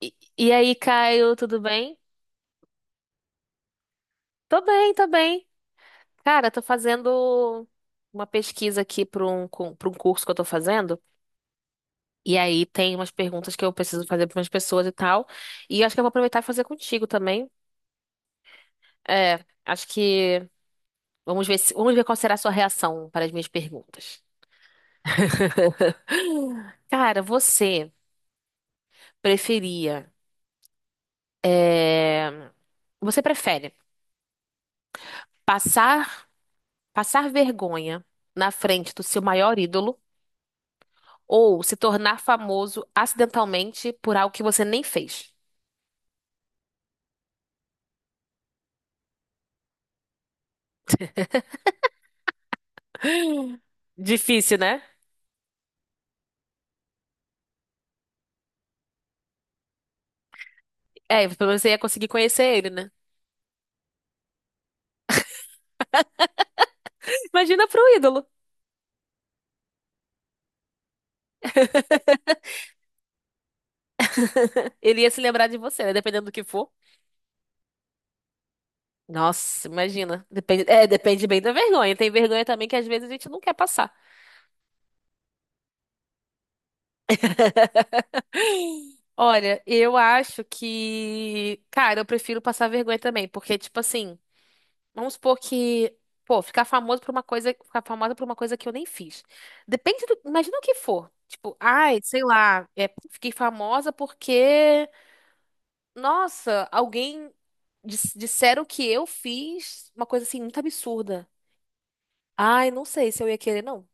E aí, Caio, tudo bem? Tô bem, tô bem. Cara, tô fazendo uma pesquisa aqui para um curso que eu tô fazendo. E aí tem umas perguntas que eu preciso fazer para umas pessoas e tal. E acho que eu vou aproveitar e fazer contigo também. É, acho que vamos ver se- vamos ver qual será a sua reação para as minhas perguntas. Cara, você preferia, é, você prefere passar passar vergonha na frente do seu maior ídolo? Ou se tornar famoso acidentalmente por algo que você nem fez. Difícil, né? É, pelo menos você ia conseguir conhecer ele, né? Imagina pro ídolo. Ele ia se lembrar de você, né? Dependendo do que for. Nossa, imagina. Depende, é, depende bem da vergonha. Tem vergonha também que às vezes a gente não quer passar. Olha, eu acho que. Cara, eu prefiro passar vergonha também, porque, tipo assim. Vamos supor que, pô, ficar famoso por uma coisa, ficar famosa por uma coisa que eu nem fiz. Depende do, imagina o que for. Tipo, ai, sei lá, fiquei famosa porque, nossa, alguém disseram que eu fiz uma coisa assim muito absurda. Ai, não sei se eu ia querer, não.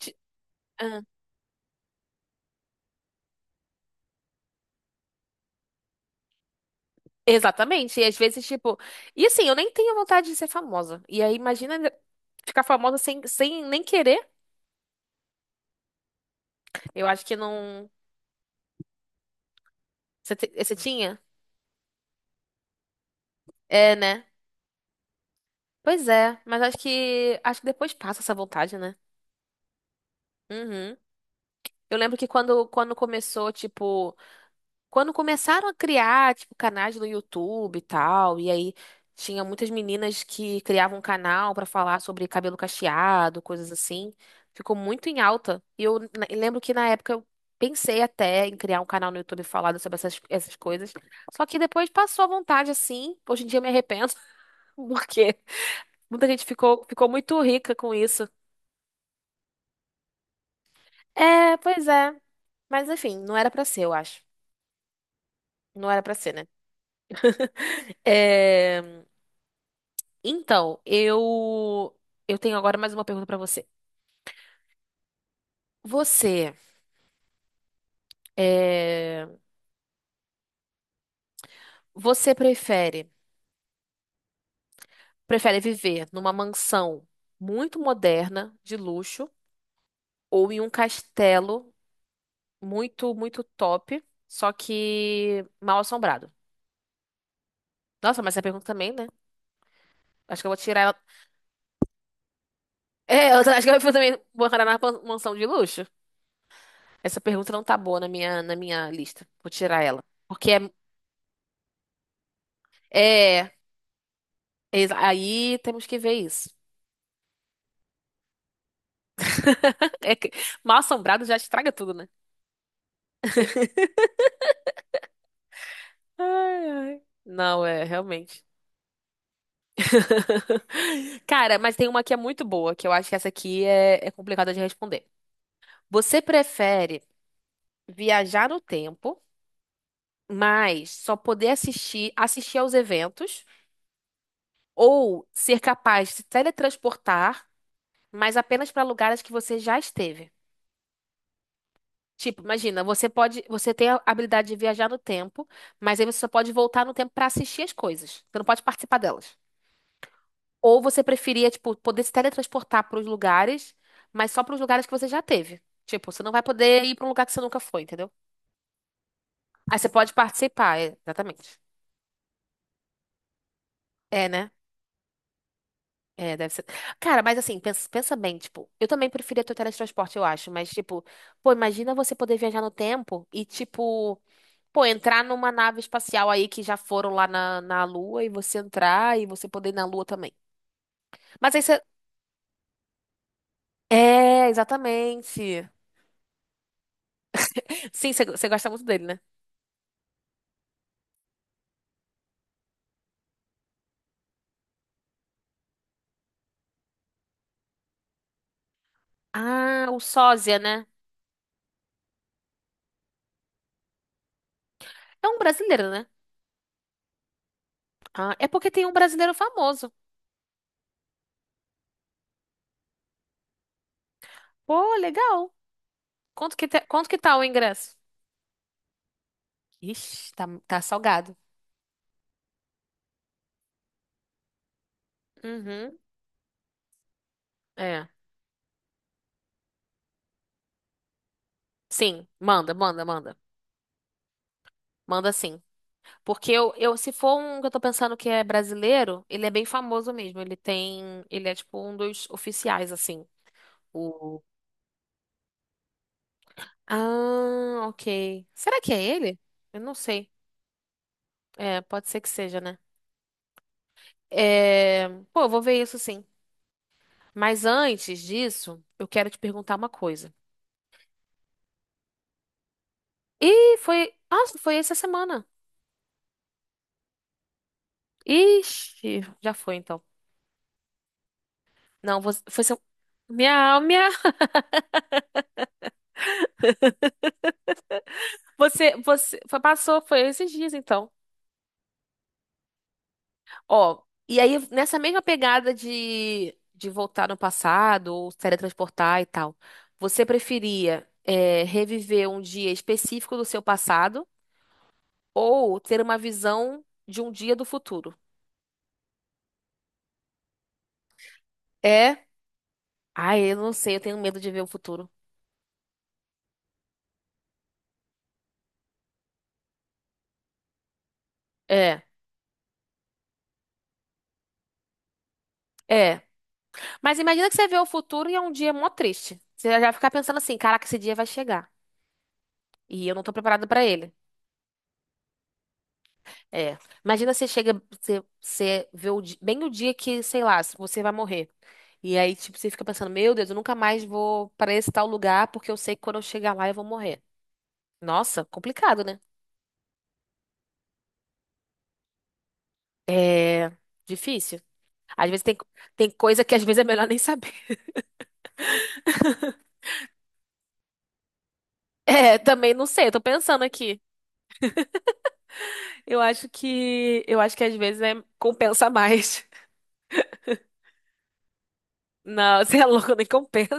Ti- ah, exatamente. E às vezes, tipo, e assim, eu nem tenho vontade de ser famosa. E aí, imagina ficar famosa sem nem querer. Eu acho que não. Você, você tinha? É, né? Pois é, mas acho que depois passa essa vontade, né? Uhum. Eu lembro que quando começou, tipo, quando começaram a criar, tipo, canais no YouTube e tal, e aí tinha muitas meninas que criavam um canal pra falar sobre cabelo cacheado, coisas assim. Ficou muito em alta. E eu lembro que na época eu pensei até em criar um canal no YouTube falando sobre essas coisas. Só que depois passou a vontade, assim. Hoje em dia eu me arrependo, porque muita gente ficou muito rica com isso. É, pois é. Mas enfim, não era pra ser, eu acho. Não era pra ser, né? É, então, eu tenho agora mais uma pergunta pra você. Você, é, você prefere viver numa mansão muito moderna, de luxo, ou em um castelo muito, muito top, só que mal assombrado? Nossa, mas essa pergunta também, né? Acho que eu vou tirar ela. É, eu acho que eu vou também vou na mansão de luxo. Essa pergunta não tá boa na na minha lista. Vou tirar ela. Porque é, é, aí temos que ver isso. É que mal-assombrado já estraga tudo, né? Ai, ai. Não, é, realmente. Cara, mas tem uma que é muito boa, que eu acho que essa aqui é complicada de responder. Você prefere viajar no tempo, mas só poder assistir aos eventos, ou ser capaz de se teletransportar, mas apenas para lugares que você já esteve? Tipo, imagina, você tem a habilidade de viajar no tempo, mas aí você só pode voltar no tempo pra assistir as coisas. Você não pode participar delas. Ou você preferia, tipo, poder se teletransportar pros lugares, mas só pros lugares que você já teve. Tipo, você não vai poder ir pra um lugar que você nunca foi, entendeu? Aí você pode participar, é, exatamente. É, né? É, deve ser. Cara, mas assim, pensa bem, tipo, eu também preferia ter o teletransporte, eu acho, mas tipo, pô, imagina você poder viajar no tempo e tipo pô, entrar numa nave espacial aí que já foram lá na Lua e você entrar e você poder ir na Lua também. Mas aí você. É, exatamente. Sim, você gosta muito dele, né? Ah, o Sósia, né? É um brasileiro, né? Ah, é porque tem um brasileiro famoso. Pô, legal. Quanto que tá o ingresso? Ixi, tá salgado. Uhum, é. Sim, manda, manda, manda. Manda sim. Porque eu, se for um que eu tô pensando que é brasileiro, ele é bem famoso mesmo. Ele tem, ele é tipo um dos oficiais, assim. O... Ah, ok. Será que é ele? Eu não sei. É, pode ser que seja, né? É... Pô, eu vou ver isso sim. Mas antes disso, eu quero te perguntar uma coisa. Ih, foi. Nossa, foi essa semana. Ixi, já foi então. Não, você. Foi seu... Minha, minha. Você, você. Foi, passou, foi esses dias então. Ó, e aí nessa mesma pegada de voltar no passado ou se teletransportar e tal, você preferia reviver um dia específico do seu passado ou ter uma visão de um dia do futuro? É? Ai, eu não sei, eu tenho medo de ver o futuro. É, é. Mas imagina que você vê o futuro e é um dia mó triste. Você já fica pensando assim, caraca, esse dia vai chegar. E eu não tô preparada pra ele. É. Imagina você chega, você, bem o dia que, sei lá, você vai morrer. E aí, tipo, você fica pensando, meu Deus, eu nunca mais vou para esse tal lugar porque eu sei que quando eu chegar lá eu vou morrer. Nossa, complicado, né? Difícil. Às vezes tem, tem coisa que às vezes é melhor nem saber. É, também não sei, eu tô pensando aqui. Eu acho que às vezes é, compensa mais. Não, você é louco, nem compensa.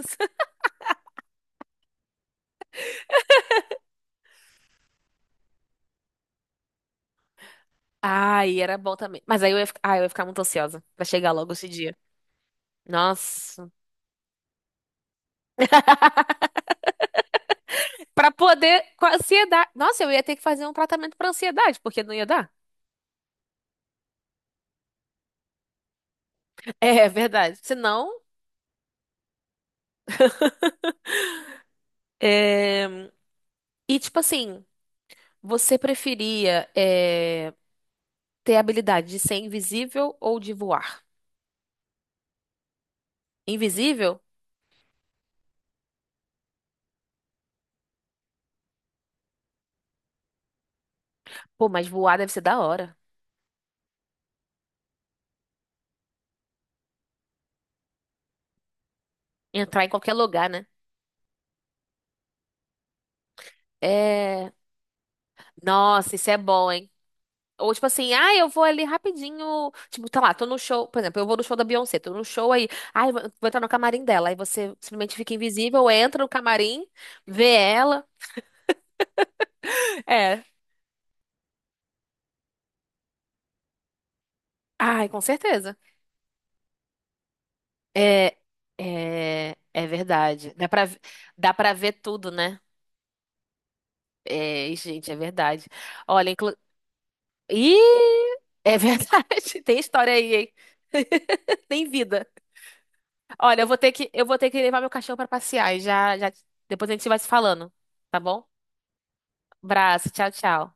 Ai, era bom também. Mas aí eu ia ficar muito ansiosa pra chegar logo esse dia. Nossa. Pra poder. Com a ansiedade. Nossa, eu ia ter que fazer um tratamento pra ansiedade, porque não ia dar. É verdade. Senão. é, E tipo assim, você preferia ter a habilidade de ser invisível ou de voar? Invisível? Pô, mas voar deve ser da hora. Entrar em qualquer lugar, né? É. Nossa, isso é bom, hein? Ou tipo assim, ah, eu vou ali rapidinho. Tipo, tá lá, tô no show. Por exemplo, eu vou no show da Beyoncé, tô no show aí. Ah, eu vou entrar no camarim dela. Aí você simplesmente fica invisível, entra no camarim, vê ela. É. Ai, com certeza. É, é verdade. Dá pra ver tudo, né? É, e, gente, é verdade. Olha, inclu... Ih, é verdade. Tem história aí, hein? Tem vida. Olha, eu vou ter que levar meu cachorro pra passear e já, depois a gente vai se falando, tá bom? Abraço, tchau, tchau.